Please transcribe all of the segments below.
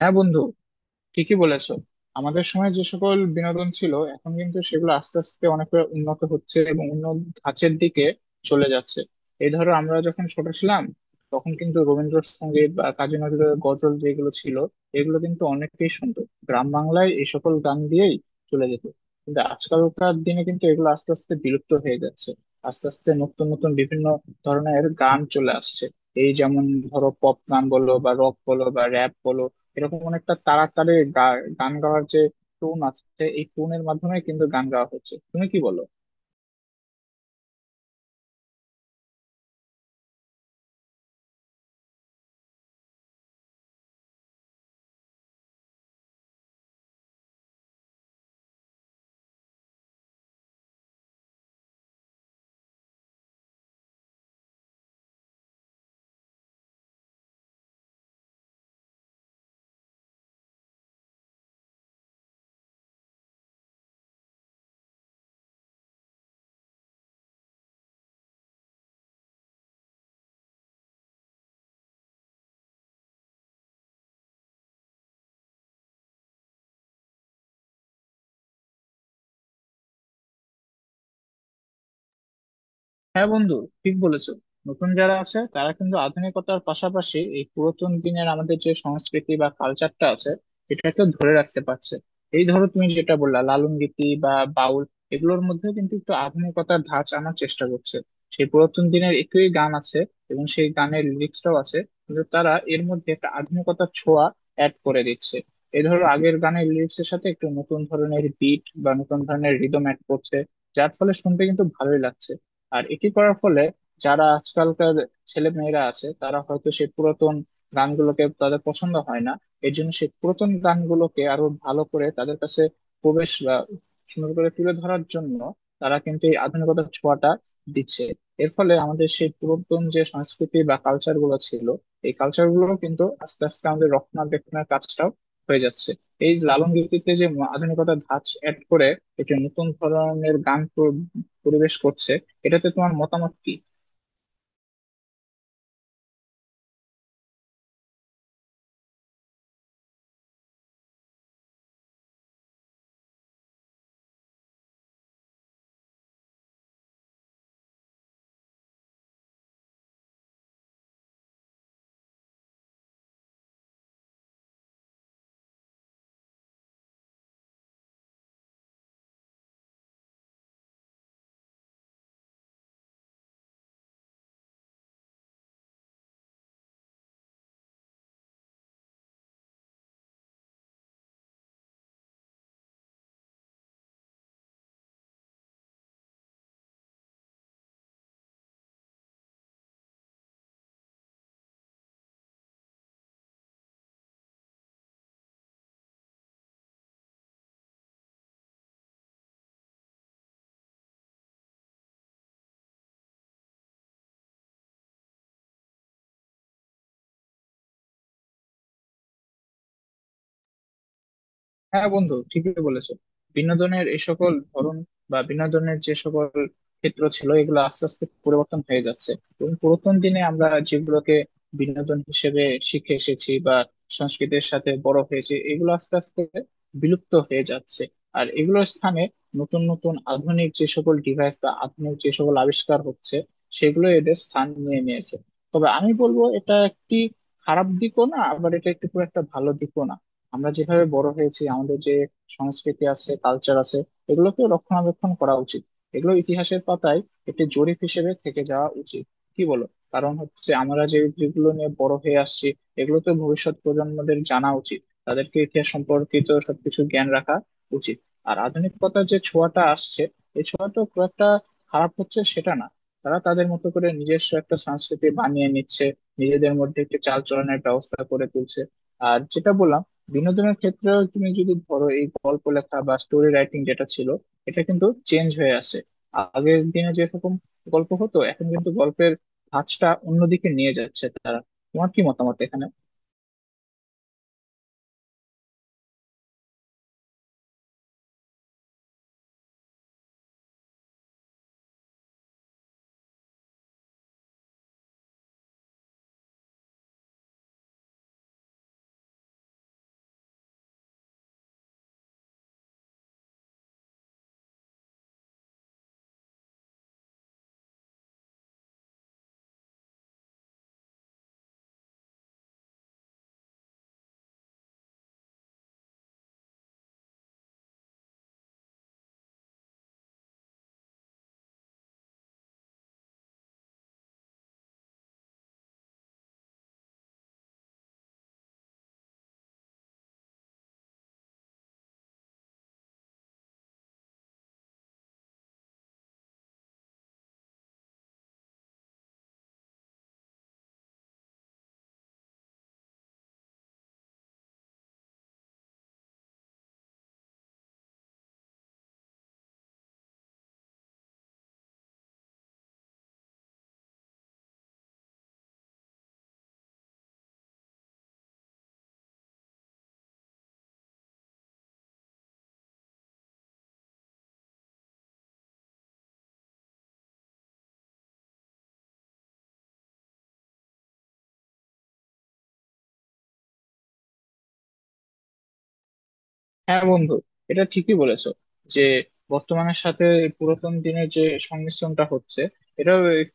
হ্যাঁ বন্ধু, ঠিকই বলেছো। আমাদের সময় যে সকল বিনোদন ছিল এখন কিন্তু সেগুলো আস্তে আস্তে অনেকটা উন্নত হচ্ছে এবং উন্নত ধাঁচের দিকে চলে যাচ্ছে। এই ধরো আমরা যখন ছোট ছিলাম তখন কিন্তু রবীন্দ্রসঙ্গীত বা কাজী নজরুলের গজল যেগুলো ছিল এগুলো কিন্তু অনেকেই শুনতো। গ্রাম বাংলায় এই সকল গান দিয়েই চলে যেত। কিন্তু আজকালকার দিনে কিন্তু এগুলো আস্তে আস্তে বিলুপ্ত হয়ে যাচ্ছে। আস্তে আস্তে নতুন নতুন বিভিন্ন ধরনের গান চলে আসছে। এই যেমন ধরো পপ গান বলো বা রক বলো বা র্যাপ বলো, এরকম অনেকটা তাড়াতাড়ি গান গাওয়ার যে টোন আছে এই টোনের মাধ্যমে কিন্তু গান গাওয়া হচ্ছে। তুমি কি বলো? হ্যাঁ বন্ধু, ঠিক বলেছো। নতুন যারা আছে তারা কিন্তু আধুনিকতার পাশাপাশি এই পুরাতন দিনের আমাদের যে সংস্কৃতি বা কালচারটা আছে এটাকে ধরে রাখতে পারছে। এই ধরো তুমি যেটা বললা লালন গীতি বা বাউল, এগুলোর মধ্যে কিন্তু একটু আধুনিকতার ধাঁচ আনার চেষ্টা করছে। সেই পুরাতন দিনের একই গান আছে এবং সেই গানের লিরিক্সটাও আছে, কিন্তু তারা এর মধ্যে একটা আধুনিকতার ছোঁয়া অ্যাড করে দিচ্ছে। এই ধরো আগের গানের লিরিক্সের সাথে একটু নতুন ধরনের বিট বা নতুন ধরনের রিদম অ্যাড করছে, যার ফলে শুনতে কিন্তু ভালোই লাগছে। আর এটি করার ফলে যারা আজকালকার ছেলে মেয়েরা আছে তারা হয়তো সেই পুরাতন গানগুলোকে তাদের পছন্দ হয় না। এর জন্য সেই পুরাতন গানগুলোকে আরো ভালো করে তাদের কাছে প্রবেশ বা সুন্দর করে তুলে ধরার জন্য তারা কিন্তু এই আধুনিকতার ছোঁয়াটা দিচ্ছে। এর ফলে আমাদের সেই পুরাতন যে সংস্কৃতি বা কালচার গুলো ছিল, এই কালচার গুলো কিন্তু আস্তে আস্তে আমাদের রক্ষণাবেক্ষণের কাজটাও হয়ে যাচ্ছে। এই লালন গীতিতে যে আধুনিকতার ধাঁচ অ্যাড করে একটি নতুন ধরনের গান পরিবেশ করছে, এটাতে তোমার মতামত কি? হ্যাঁ বন্ধু, ঠিকই বলেছো। বিনোদনের এই সকল ধরন বা বিনোদনের যে সকল ক্ষেত্র ছিল এগুলো আস্তে আস্তে পরিবর্তন হয়ে যাচ্ছে। এবং পুরাতন দিনে আমরা যেগুলোকে বিনোদন হিসেবে শিখে এসেছি বা সংস্কৃতির সাথে বড় হয়েছে এগুলো আস্তে আস্তে বিলুপ্ত হয়ে যাচ্ছে। আর এগুলোর স্থানে নতুন নতুন আধুনিক যে সকল ডিভাইস বা আধুনিক যে সকল আবিষ্কার হচ্ছে সেগুলো এদের স্থান নিয়ে নিয়েছে। তবে আমি বলবো এটা একটি খারাপ দিকও না, আবার এটা একটু খুব একটা ভালো দিকও না। আমরা যেভাবে বড় হয়েছি আমাদের যে সংস্কৃতি আছে কালচার আছে এগুলোকে রক্ষণাবেক্ষণ করা উচিত। এগুলো ইতিহাসের পাতায় একটি জরিপ হিসেবে থেকে যাওয়া উচিত, কি বলো? কারণ হচ্ছে আমরা যে যেগুলো নিয়ে বড় হয়ে আসছি এগুলো তো ভবিষ্যৎ প্রজন্মদের জানা উচিত। তাদেরকে ইতিহাস সম্পর্কিত সবকিছু জ্ঞান রাখা উচিত। আর আধুনিকতার যে ছোঁয়াটা আসছে এই ছোঁয়াটা খুব একটা খারাপ হচ্ছে সেটা না। তারা তাদের মতো করে নিজস্ব একটা সংস্কৃতি বানিয়ে নিচ্ছে, নিজেদের মধ্যে একটি চালচলনের ব্যবস্থা করে তুলছে। আর যেটা বললাম, বিনোদনের ক্ষেত্রেও তুমি যদি ধরো এই গল্প লেখা বা স্টোরি রাইটিং যেটা ছিল এটা কিন্তু চেঞ্জ হয়ে আসছে। আগের দিনে যেরকম গল্প হতো এখন কিন্তু গল্পের ধাঁচটা অন্যদিকে নিয়ে যাচ্ছে তারা। তোমার কি মতামত এখানে? হ্যাঁ বন্ধু, এটা ঠিকই বলেছো যে বর্তমানের সাথে এই পুরাতন দিনের যে সংমিশ্রণটা হচ্ছে এটা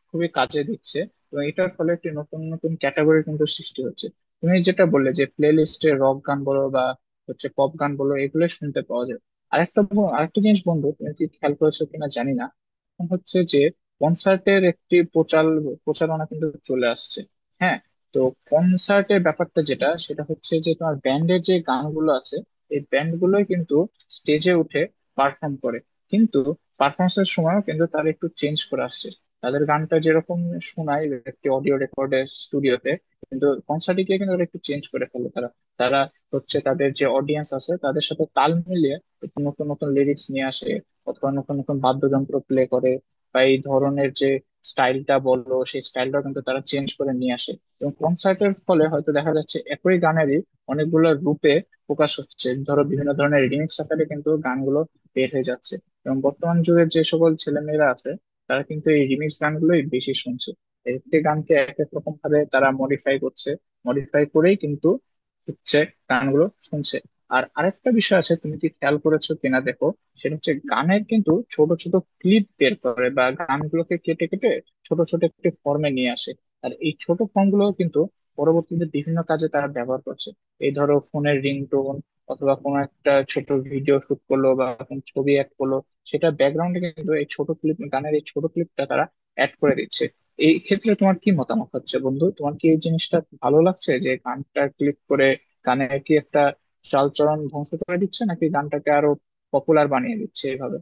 খুবই কাজে দিচ্ছে। এবং এটার ফলে একটি নতুন নতুন ক্যাটাগরি কিন্তু সৃষ্টি হচ্ছে। তুমি যেটা বললে যে প্লে লিস্টে রক গান বলো বা হচ্ছে পপ গান বলো এগুলো শুনতে পাওয়া যায়। আরেকটা আরেকটা জিনিস বন্ধু, তুমি কি খেয়াল করেছো কিনা জানি না, এখন হচ্ছে যে কনসার্টের একটি প্রচার প্রচারণা কিন্তু চলে আসছে। হ্যাঁ। তো কনসার্টের ব্যাপারটা যেটা সেটা হচ্ছে যে তোমার ব্যান্ডের যে গানগুলো আছে এই ব্যান্ড গুলোই কিন্তু স্টেজে উঠে পারফর্ম করে। কিন্তু পারফরমেন্স এর সময়ও কিন্তু তারা একটু চেঞ্জ করে আসছে। তাদের গানটা যেরকম শোনায় একটি অডিও রেকর্ডে স্টুডিওতে, কিন্তু কনসার্টে গিয়ে কিন্তু ওরা একটু চেঞ্জ করে ফেলে তারা। তারা হচ্ছে তাদের যে অডিয়েন্স আছে তাদের সাথে তাল মিলিয়ে একটু নতুন নতুন লিরিক্স নিয়ে আসে, অথবা নতুন নতুন বাদ্যযন্ত্র প্লে করে, বা এই ধরনের যে স্টাইলটা বললো সেই স্টাইলটা কিন্তু তারা চেঞ্জ করে নিয়ে আসে। এবং কনসার্টের ফলে হয়তো দেখা যাচ্ছে একই গানেরই অনেকগুলো রূপে প্রকাশ হচ্ছে, ধরো বিভিন্ন ধরনের রিমিক্স আকারে কিন্তু গানগুলো বের হয়ে যাচ্ছে। এবং বর্তমান যুগের যে সকল ছেলেমেয়েরা আছে তারা কিন্তু এই রিমিক্স গানগুলোই বেশি শুনছে। এক একটি গানকে এক এক রকম ভাবে তারা মডিফাই করছে, মডিফাই করেই কিন্তু হচ্ছে গানগুলো শুনছে। আর আরেকটা বিষয় আছে, তুমি কি খেয়াল করেছো কিনা দেখো, সেটা হচ্ছে গানের কিন্তু ছোট ছোট ক্লিপ বের করে বা গানগুলোকে কেটে কেটে ছোট ছোট একটি ফর্মে নিয়ে আসে। আর এই ছোট ফর্মগুলো কিন্তু পরবর্তীতে বিভিন্ন কাজে তারা ব্যবহার করছে। এই ধরো ফোনের রিংটোন অথবা কোনো একটা ছোট ভিডিও শুট করলো বা কোনো ছবি অ্যাড করলো, সেটা ব্যাকগ্রাউন্ডে কিন্তু এই ছোট ক্লিপ গানের এই ছোট ক্লিপটা তারা অ্যাড করে দিচ্ছে। এই ক্ষেত্রে তোমার কি মতামত হচ্ছে বন্ধু? তোমার কি এই জিনিসটা ভালো লাগছে যে গানটা ক্লিক করে গানে কি একটা চালচরণ ধ্বংস করে দিচ্ছে নাকি গানটাকে আরো পপুলার বানিয়ে দিচ্ছে এভাবে?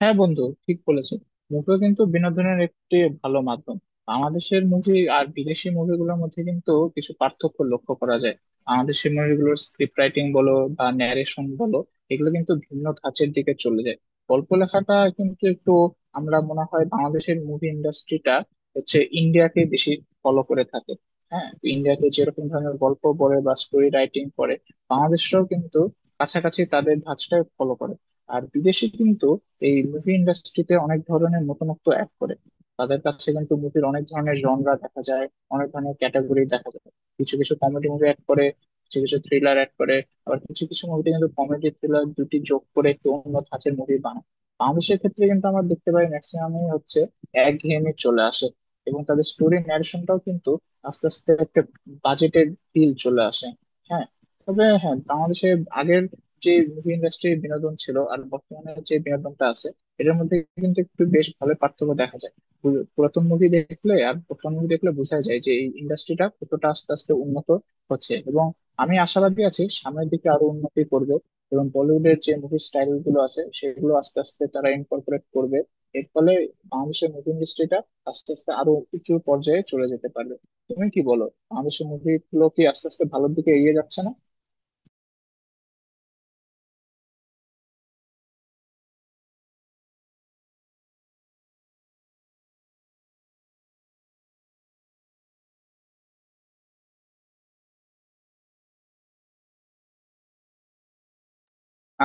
হ্যাঁ বন্ধু, ঠিক বলেছো। মুভিও কিন্তু বিনোদনের একটি ভালো মাধ্যম। বাংলাদেশের মুভি আর বিদেশি মুভিগুলোর মধ্যে কিন্তু কিছু পার্থক্য লক্ষ্য করা যায়। বাংলাদেশি মুভিগুলোর স্ক্রিপ্ট রাইটিং বলো বা ন্যারেশন বলো, এগুলো কিন্তু ভিন্ন ধাঁচের দিকে চলে যায়। গল্প লেখাটা কিন্তু একটু, আমরা মনে হয় বাংলাদেশের মুভি ইন্ডাস্ট্রিটা হচ্ছে ইন্ডিয়াকে বেশি ফলো করে থাকে। হ্যাঁ। ইন্ডিয়াতে যেরকম ধরনের গল্প বলে বা স্টোরি রাইটিং করে, বাংলাদেশরাও কিন্তু কাছাকাছি তাদের ধাঁচটা ফলো করে। আর বিদেশে কিন্তু এই মুভি ইন্ডাস্ট্রিতে অনেক ধরনের নতুনত্ব অ্যাড করে। তাদের কাছে কিন্তু মুভির অনেক ধরনের জনরা দেখা যায়, অনেক ধরনের ক্যাটাগরি দেখা যায়। কিছু কিছু কমেডি মুভি অ্যাড করে, কিছু কিছু থ্রিলার অ্যাড করে, আবার কিছু কিছু মুভিতে কিন্তু কমেডি থ্রিলার দুটি যোগ করে একটু অন্য ধাঁচের মুভি বানায়। বাংলাদেশের ক্ষেত্রে কিন্তু আমরা দেখতে পাই ম্যাক্সিমামই হচ্ছে একঘেয়েমি চলে আসে। এবং তাদের স্টোরি ন্যারেশনটাও কিন্তু আস্তে আস্তে একটা বাজেটের ফিল চলে আসে। হ্যাঁ। তবে হ্যাঁ, বাংলাদেশে আগের যে মুভি ইন্ডাস্ট্রির বিনোদন ছিল আর বর্তমানে যে বিনোদনটা আছে এটার মধ্যে কিন্তু একটু বেশ ভালো পার্থক্য দেখা যায়। পুরাতন মুভি দেখলে আর বর্তমান মুভি দেখলে বোঝা যায় যে এই ইন্ডাস্ট্রিটা কতটা আস্তে আস্তে উন্নত হচ্ছে। এবং আমি আশাবাদী আছি সামনের দিকে আরো উন্নতি করবে, এবং বলিউডের যে মুভি স্টাইল গুলো আছে সেগুলো আস্তে আস্তে তারা ইনকর্পোরেট করবে। এর ফলে বাংলাদেশের মুভি ইন্ডাস্ট্রিটা আস্তে আস্তে আরো উঁচু পর্যায়ে চলে যেতে পারবে। তুমি কি বলো, বাংলাদেশের মুভি গুলো কি আস্তে আস্তে ভালোর দিকে এগিয়ে যাচ্ছে না?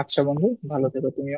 আচ্ছা বন্ধু, ভালো থেকো তুমি।